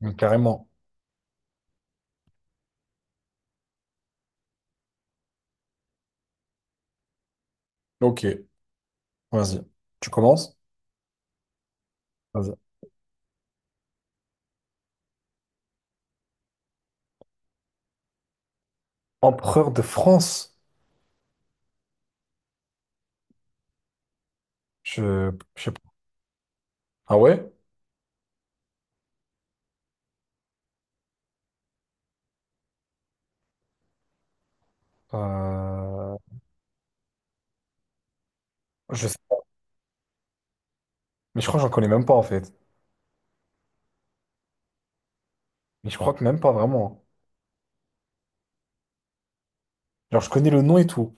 Mm, carrément. Ok, vas-y. Tu commences? Vas-y. Empereur de France? Je sais pas. Ah ouais? Euh, je sais pas. Mais je crois que j'en connais même pas en fait. Mais je crois que même pas vraiment. Genre, je connais le nom et tout.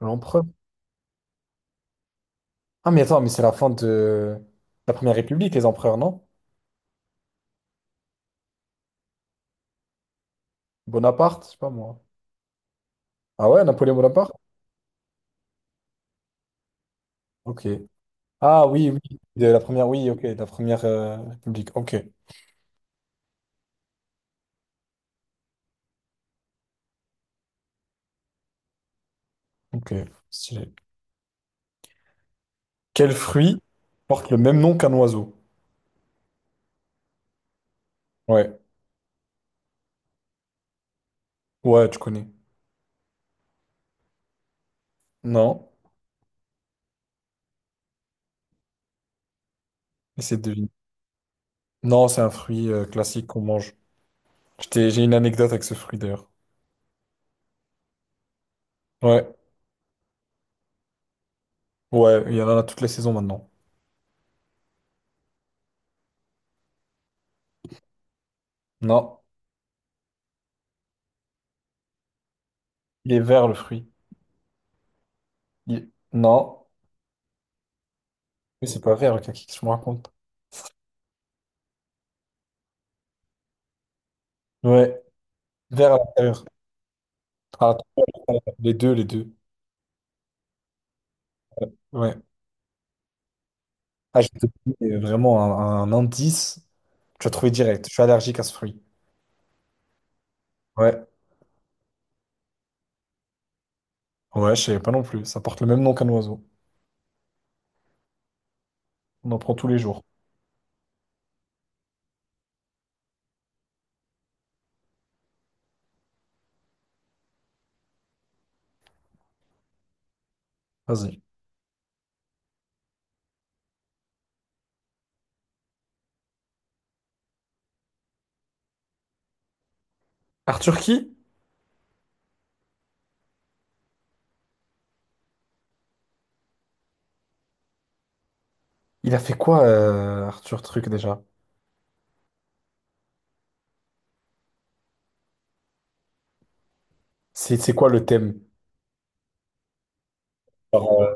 L'empereur. Ah, mais attends, mais c'est la fin de la Première République, les empereurs, non? Bonaparte? Je sais pas moi. Ah ouais, Napoléon Bonaparte? Ok. Ah oui, oui. De la première, oui, ok. De la Première République. Ok. Ok. Stylé. Quel fruit porte le même nom qu'un oiseau? Ouais. Ouais, tu connais. Non, essaie de deviner. Non, c'est un fruit classique qu'on mange. J'ai une anecdote avec ce fruit d'ailleurs. Ouais, ouais, il y en a toutes les saisons maintenant. Non, il est vert le fruit. Non, mais c'est pas vert le kaki, je me raconte. Ouais, vert à l'intérieur. À l'intérieur. Les deux, les deux. Ouais. Ah, je te dis vraiment un indice. Tu as trouvé direct. Je suis allergique à ce fruit. Ouais, ouais, je savais pas non plus. Ça porte le même nom qu'un oiseau. On en prend tous les jours. Vas-y. Arthur qui? Il a fait quoi, Arthur Truc, déjà? C'est quoi le thème? Genre,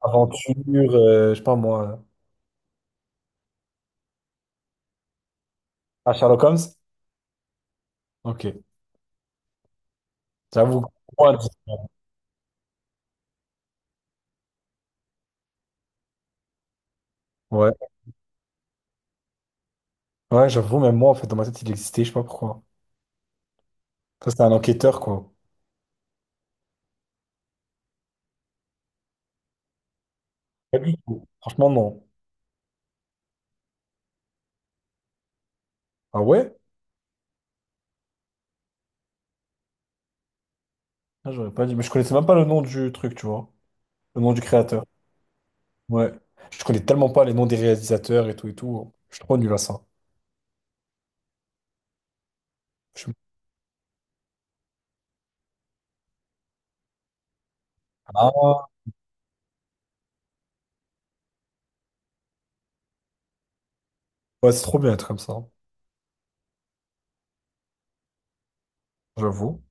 aventure, je sais pas moi. Ah, Sherlock Holmes? Ok. J'avoue. Ouais, ouais, ouais, j'avoue, même moi, en fait, dans ma tête, il existait, je sais pas pourquoi. Ça, c'était un enquêteur, quoi. Pas du tout. Franchement, non. Ah ouais? Ah, j'aurais pas dit. Mais je connaissais même pas le nom du truc, tu vois. Le nom du créateur. Ouais. Je connais tellement pas les noms des réalisateurs et tout et tout. Je suis trop nul à ça. Je suis- Ah, ouais, c'est trop bien être comme ça. J'avoue.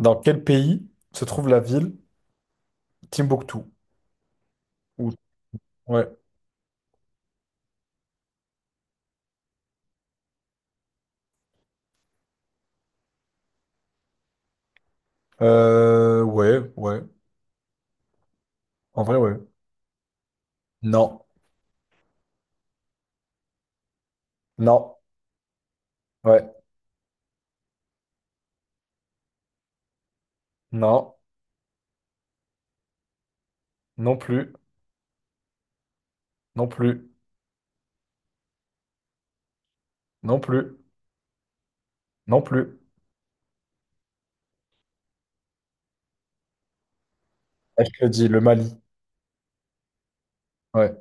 Dans quel pays se trouve la ville? Timbuktu. Ou- Ouais. Ouais, ouais. En vrai, ouais. Non. Non. Ouais. Non. Non plus. Non plus. Non plus. Non plus. Ah, je te le dis, le Mali. Ouais.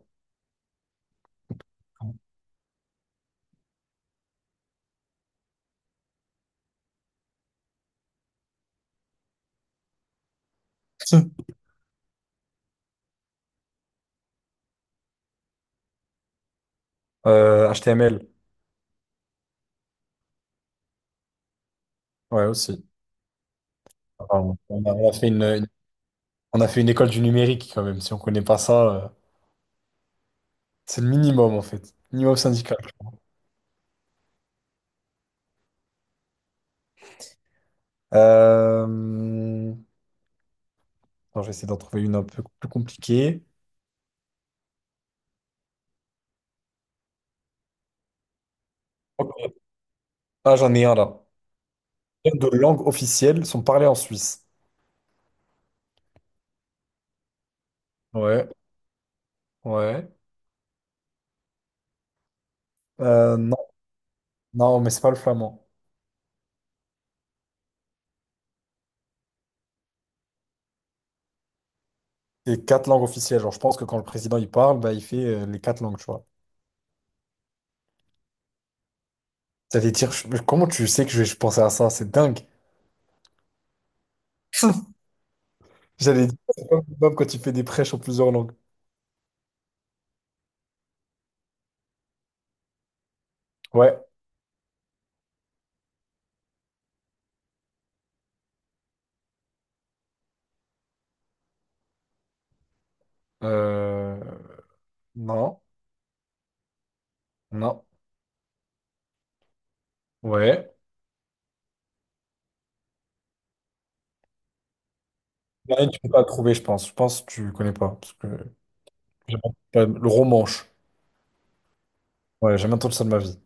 HTML. Ouais, aussi. Enfin, on a fait on a fait une école du numérique quand même. Si on connaît pas ça, c'est le minimum en fait. Minimum syndical. Euh... attends, je vais essayer d'en trouver une un peu plus compliquée. Ok. Ah, j'en ai un là. Combien de langues officielles sont parlées en Suisse? Ouais, ouais. Euh, non, non, mais c'est pas le flamand. C'est quatre langues officielles. Genre, je pense que quand le président il parle, bah, il fait les quatre langues, tu vois. Mais comment tu sais que je vais penser à ça? C'est dingue. J'allais dire, c'est comme quand tu fais des prêches en plusieurs langues. Ouais. Euh, non, non. Ouais. Il y en a une, tu peux pas trouver, je pense. Je pense que tu connais pas. Parce que j'ai pas- le romanche. Ouais, j'ai jamais entendu ça de ma vie.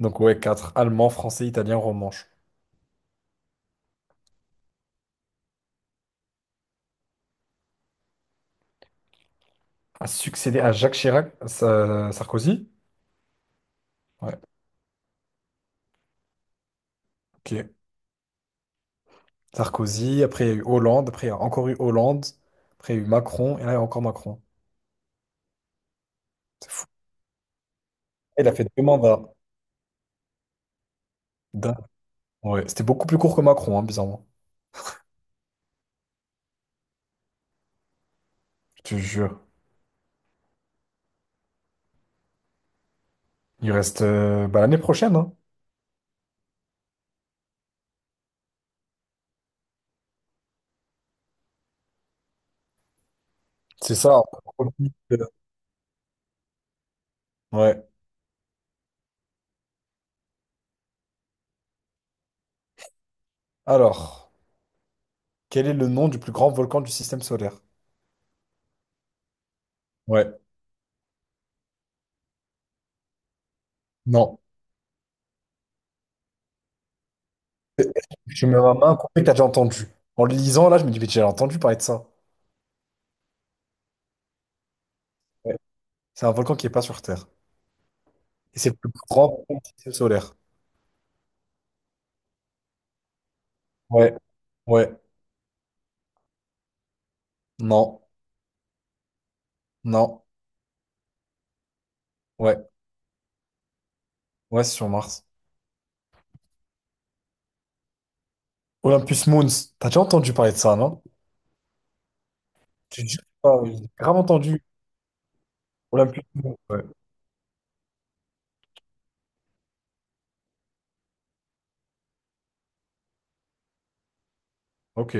Donc, ouais, quatre. Allemand, français, italien, romanche. A succédé à Jacques Chirac, Sarkozy? Ouais, ok. Sarkozy, après il y a eu Hollande, après il y a encore eu Hollande, après il y a eu Macron, et là il y a encore Macron. C'est fou. Il a fait deux mandats. Dingue. Ouais, c'était beaucoup plus court que Macron, hein, bizarrement. Je te jure. Il reste bah, l'année prochaine, hein. C'est ça. On profite, ouais. Alors, quel est le nom du plus grand volcan du système solaire? Ouais. Non. Je mets ma main coupée que t'as déjà entendu. En le lisant, là, je me dis, mais j'ai déjà entendu parler de ça. Ouais. C'est un volcan qui est pas sur Terre. Et c'est le plus grand volcan du système solaire. Ouais. Ouais. Non. Non. Ouais. Ouais, c'est sur Mars. Olympus Mons, t'as déjà entendu parler de ça, non? J'ai déjà pas- j'ai grave entendu. Olympus Mons. Ouais, ok.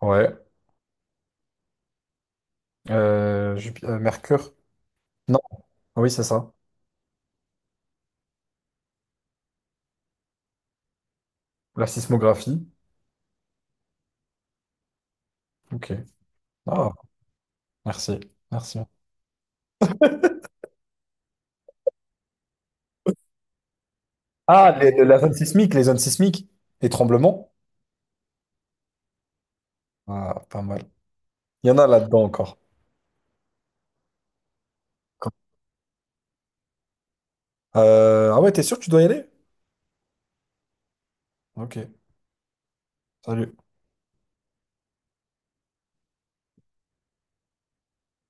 Ouais. Mercure. Non, ah oui, c'est ça. La sismographie. Ok. Ah, merci. Merci. Ah, la zone sismique, les zones sismiques, les tremblements. Ah, pas mal. Il y en a là-dedans encore. Ah ouais, t'es sûr que tu dois y aller? Ok. Salut.